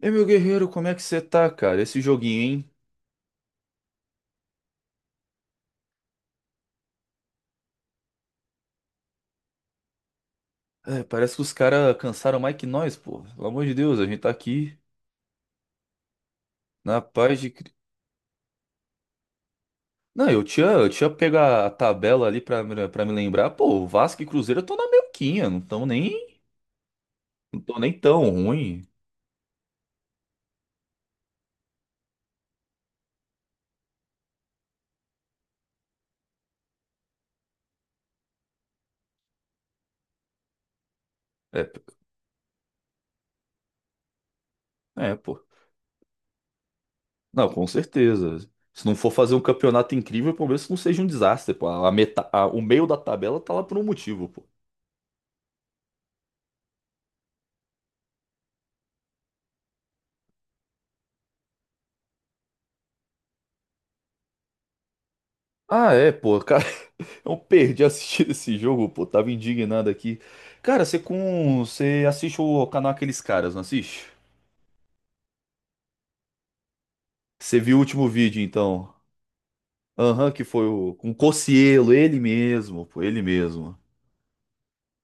E meu guerreiro, como é que você tá, cara? Esse joguinho, hein? É, parece que os caras cansaram mais que nós, pô. Pelo amor de Deus, a gente tá aqui na paz de. Não, eu tinha pego a tabela ali pra me lembrar. Pô, Vasco e Cruzeiro estão na melquinha, não tão nem tão ruim. É, p- é, pô. Não, com certeza. Se não for fazer um campeonato incrível, pelo menos que não seja um desastre, pô. O meio da tabela tá lá por um motivo, pô. Ah, é, pô. Eu perdi assistir esse jogo, pô. Tava indignado aqui. Cara, você com. Você assiste o canal Aqueles Caras, não assiste? Você viu o último vídeo, então? Aham, que foi o. Com o Cocielo, ele mesmo.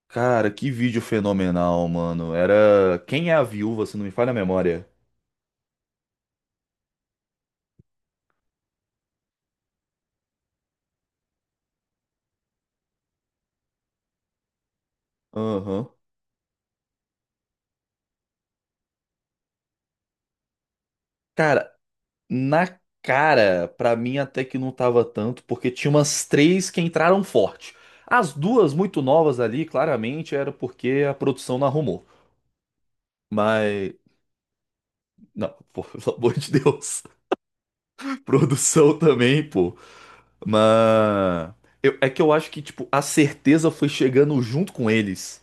Cara, que vídeo fenomenal, mano. Era. Quem é a viúva, se não me falha a memória? Aham. Cara, na cara, pra mim até que não tava tanto, porque tinha umas três que entraram forte. As duas muito novas ali, claramente, era porque a produção não arrumou. Mas. Não, pô, pelo amor de Deus. Produção também, pô. Mas. É que eu acho que, tipo, a certeza foi chegando junto com eles.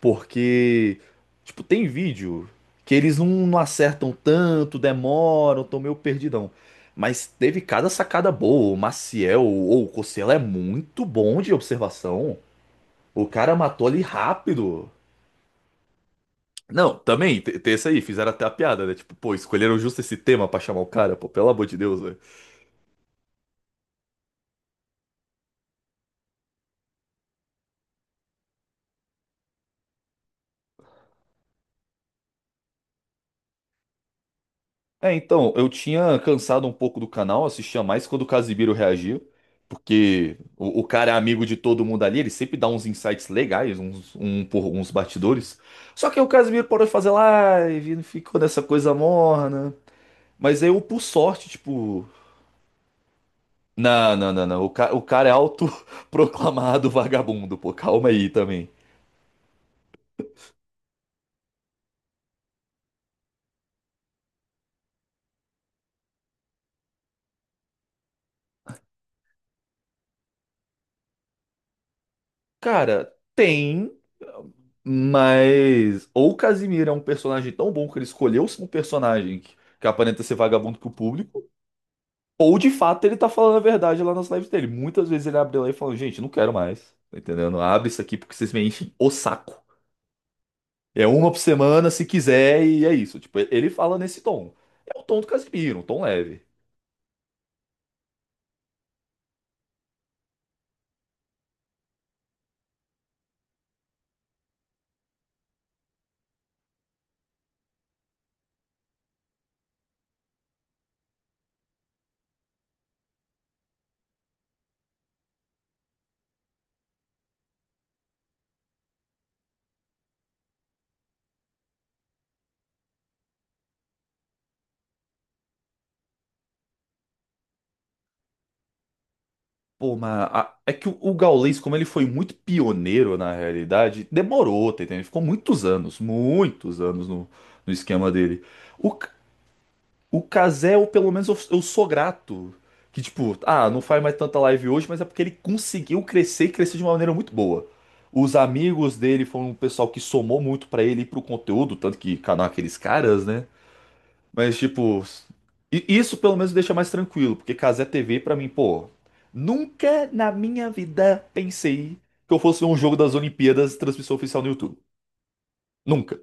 Porque, tipo, tem vídeo que eles não acertam tanto, demoram, tão meio perdidão. Mas teve cada sacada boa. O Maciel ou o Cossela é muito bom de observação. O cara matou ali rápido. Não, também, te- tem esse aí, fizeram até a piada, né? Tipo, pô, escolheram justo esse tema pra chamar o cara, pô, pelo amor de Deus, velho. É, então, eu tinha cansado um pouco do canal, assistia mais quando o Casimiro reagia, porque o cara é amigo de todo mundo ali, ele sempre dá uns insights legais, uns batidores. Só que aí o Casimiro parou de fazer live, não ficou nessa coisa morna. Mas aí eu, por sorte, tipo. Não, não, não, não. O cara é autoproclamado vagabundo, pô, calma aí também. Cara, tem, mas ou o Casimiro é um personagem tão bom que ele escolheu ser um personagem que aparenta ser vagabundo pro público, ou de fato ele tá falando a verdade lá nas lives dele. Muitas vezes ele abre lá e fala, gente, não quero mais, tá entendendo? Abre isso aqui porque vocês me enchem o saco. É uma por semana, se quiser, e é isso. Tipo, ele fala nesse tom. É o tom do Casimiro, um tom leve. É que o Gaules, como ele foi muito pioneiro na realidade, demorou, tá entendendo? Ele ficou muitos anos no esquema dele. O, C- o Cazé, eu, pelo menos eu sou grato. Que tipo, ah, não faz mais tanta live hoje, mas é porque ele conseguiu crescer e crescer de uma maneira muito boa. Os amigos dele foram um pessoal que somou muito pra ele e pro conteúdo, tanto que canal aqueles caras, né? Mas, tipo, isso pelo menos deixa mais tranquilo, porque Cazé TV, pra mim, pô, nunca na minha vida pensei que eu fosse ver um jogo das Olimpíadas transmissão oficial no YouTube. Nunca.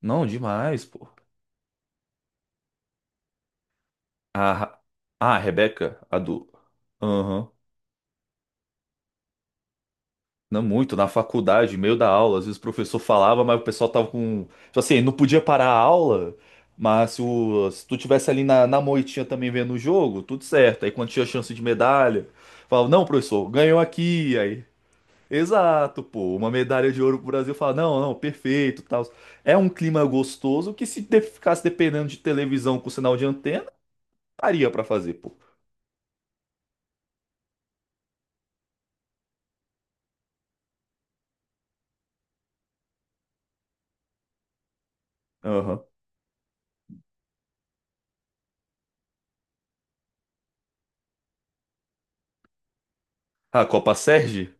Não, demais, pô. Ah, ah, a Rebeca, a do. Aham. Não muito, na faculdade, meio da aula, às vezes o professor falava, mas o pessoal tava com. Tipo assim, não podia parar a aula, mas se tu tivesse ali na moitinha também vendo o jogo, tudo certo. Aí quando tinha chance de medalha, falava, não, professor, ganhou aqui. Aí, exato, pô, uma medalha de ouro pro Brasil. Falava, não, não, perfeito, tal. É um clima gostoso que se de- ficasse dependendo de televisão com sinal de antena, daria pra fazer, pô. Aham. A Copa Sérgio?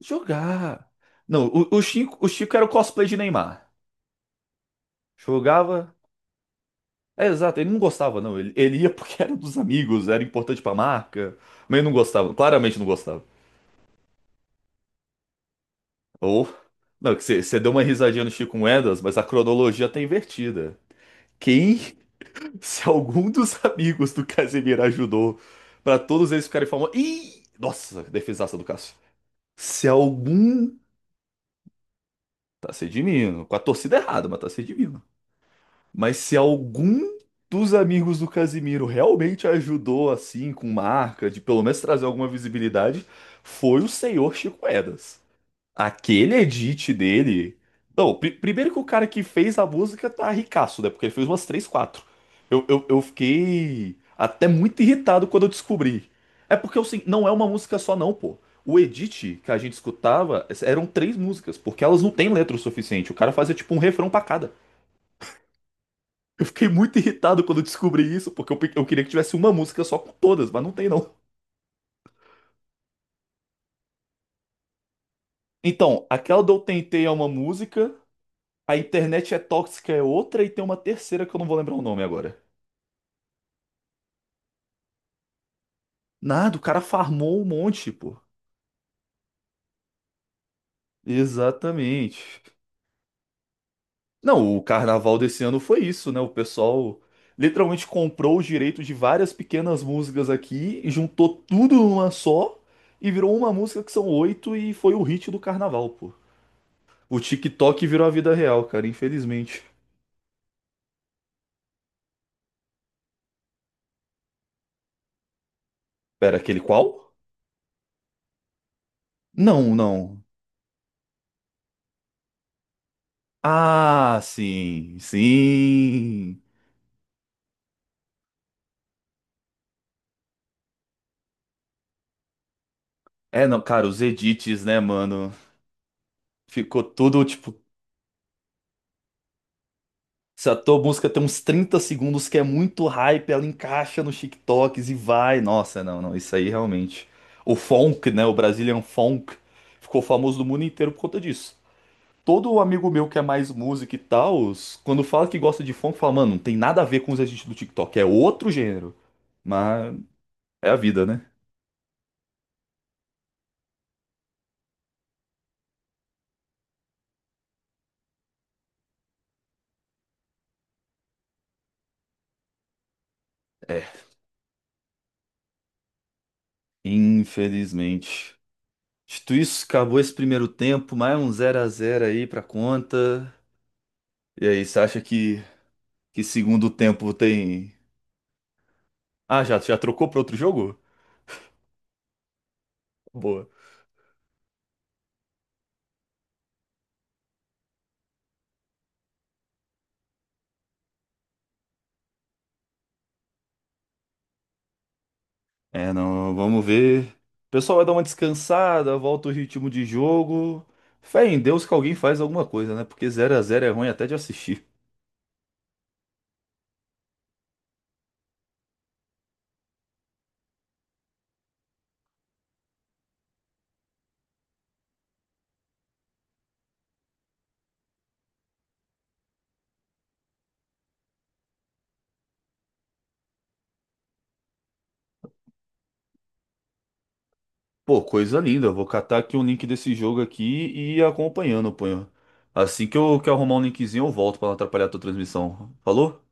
Jogar. Não, o Chico era o cosplay de Neymar. Jogava. É, exato, ele não gostava, não. Ele ia porque era dos amigos, era importante pra marca. Mas ele não gostava, claramente não gostava. Ou. Não, que você deu uma risadinha no Chico Moedas, mas a cronologia tá invertida. Quem, se algum dos amigos do Casemiro ajudou pra todos eles ficarem famosos. Ih! Nossa, defesaça do Cássio. Se algum. Tá se redimindo. Com a torcida errada, mas tá se redimindo. Mas se algum dos amigos do Casimiro realmente ajudou, assim, com marca, de pelo menos trazer alguma visibilidade, foi o senhor Chico Edas. Aquele edit dele. Não, pri- primeiro que o cara que fez a música tá ricaço, né? Porque ele fez umas três, quatro. Eu fiquei até muito irritado quando eu descobri. É porque assim, não é uma música só, não, pô. O edit que a gente escutava eram três músicas, porque elas não têm letra o suficiente. O cara fazia tipo um refrão pra cada. Eu fiquei muito irritado quando eu descobri isso, porque eu queria que tivesse uma música só com todas, mas não tem não. Então, aquela do Eu Tentei é uma música, a Internet é Tóxica é outra, e tem uma terceira que eu não vou lembrar o nome agora. Nada, o cara farmou um monte, pô. Exatamente. Não, o carnaval desse ano foi isso, né? O pessoal literalmente comprou os direitos de várias pequenas músicas aqui e juntou tudo numa só e virou uma música que são oito e foi o hit do carnaval, pô. O TikTok virou a vida real, cara, infelizmente. Pera, aquele qual? Não, não. Ah, sim, sim. É, não, cara, os edits, né, mano? Ficou tudo, tipo, se a tua música tem uns 30 segundos que é muito hype, ela encaixa nos TikToks e vai. Nossa, não, não, isso aí realmente. O funk, né, o Brazilian funk, ficou famoso no mundo inteiro por conta disso. Todo amigo meu que é mais música e tal, quando fala que gosta de funk, fala, mano, não tem nada a ver com os agentes do TikTok, é outro gênero. Mas é a vida, né? É, infelizmente. Dito isso, acabou esse primeiro tempo, mais um zero a zero aí pra conta. E aí, você acha que segundo tempo tem. Ah, já, já trocou pra outro jogo? Boa. É, não, vamos ver. O pessoal vai dar uma descansada, volta o ritmo de jogo. Fé em Deus que alguém faz alguma coisa, né? Porque zero a zero é ruim até de assistir. Pô, coisa linda. Eu Vou catar aqui um link desse jogo aqui e ir acompanhando, pô. Assim que eu arrumar um linkzinho, eu volto pra não atrapalhar a tua transmissão. Falou?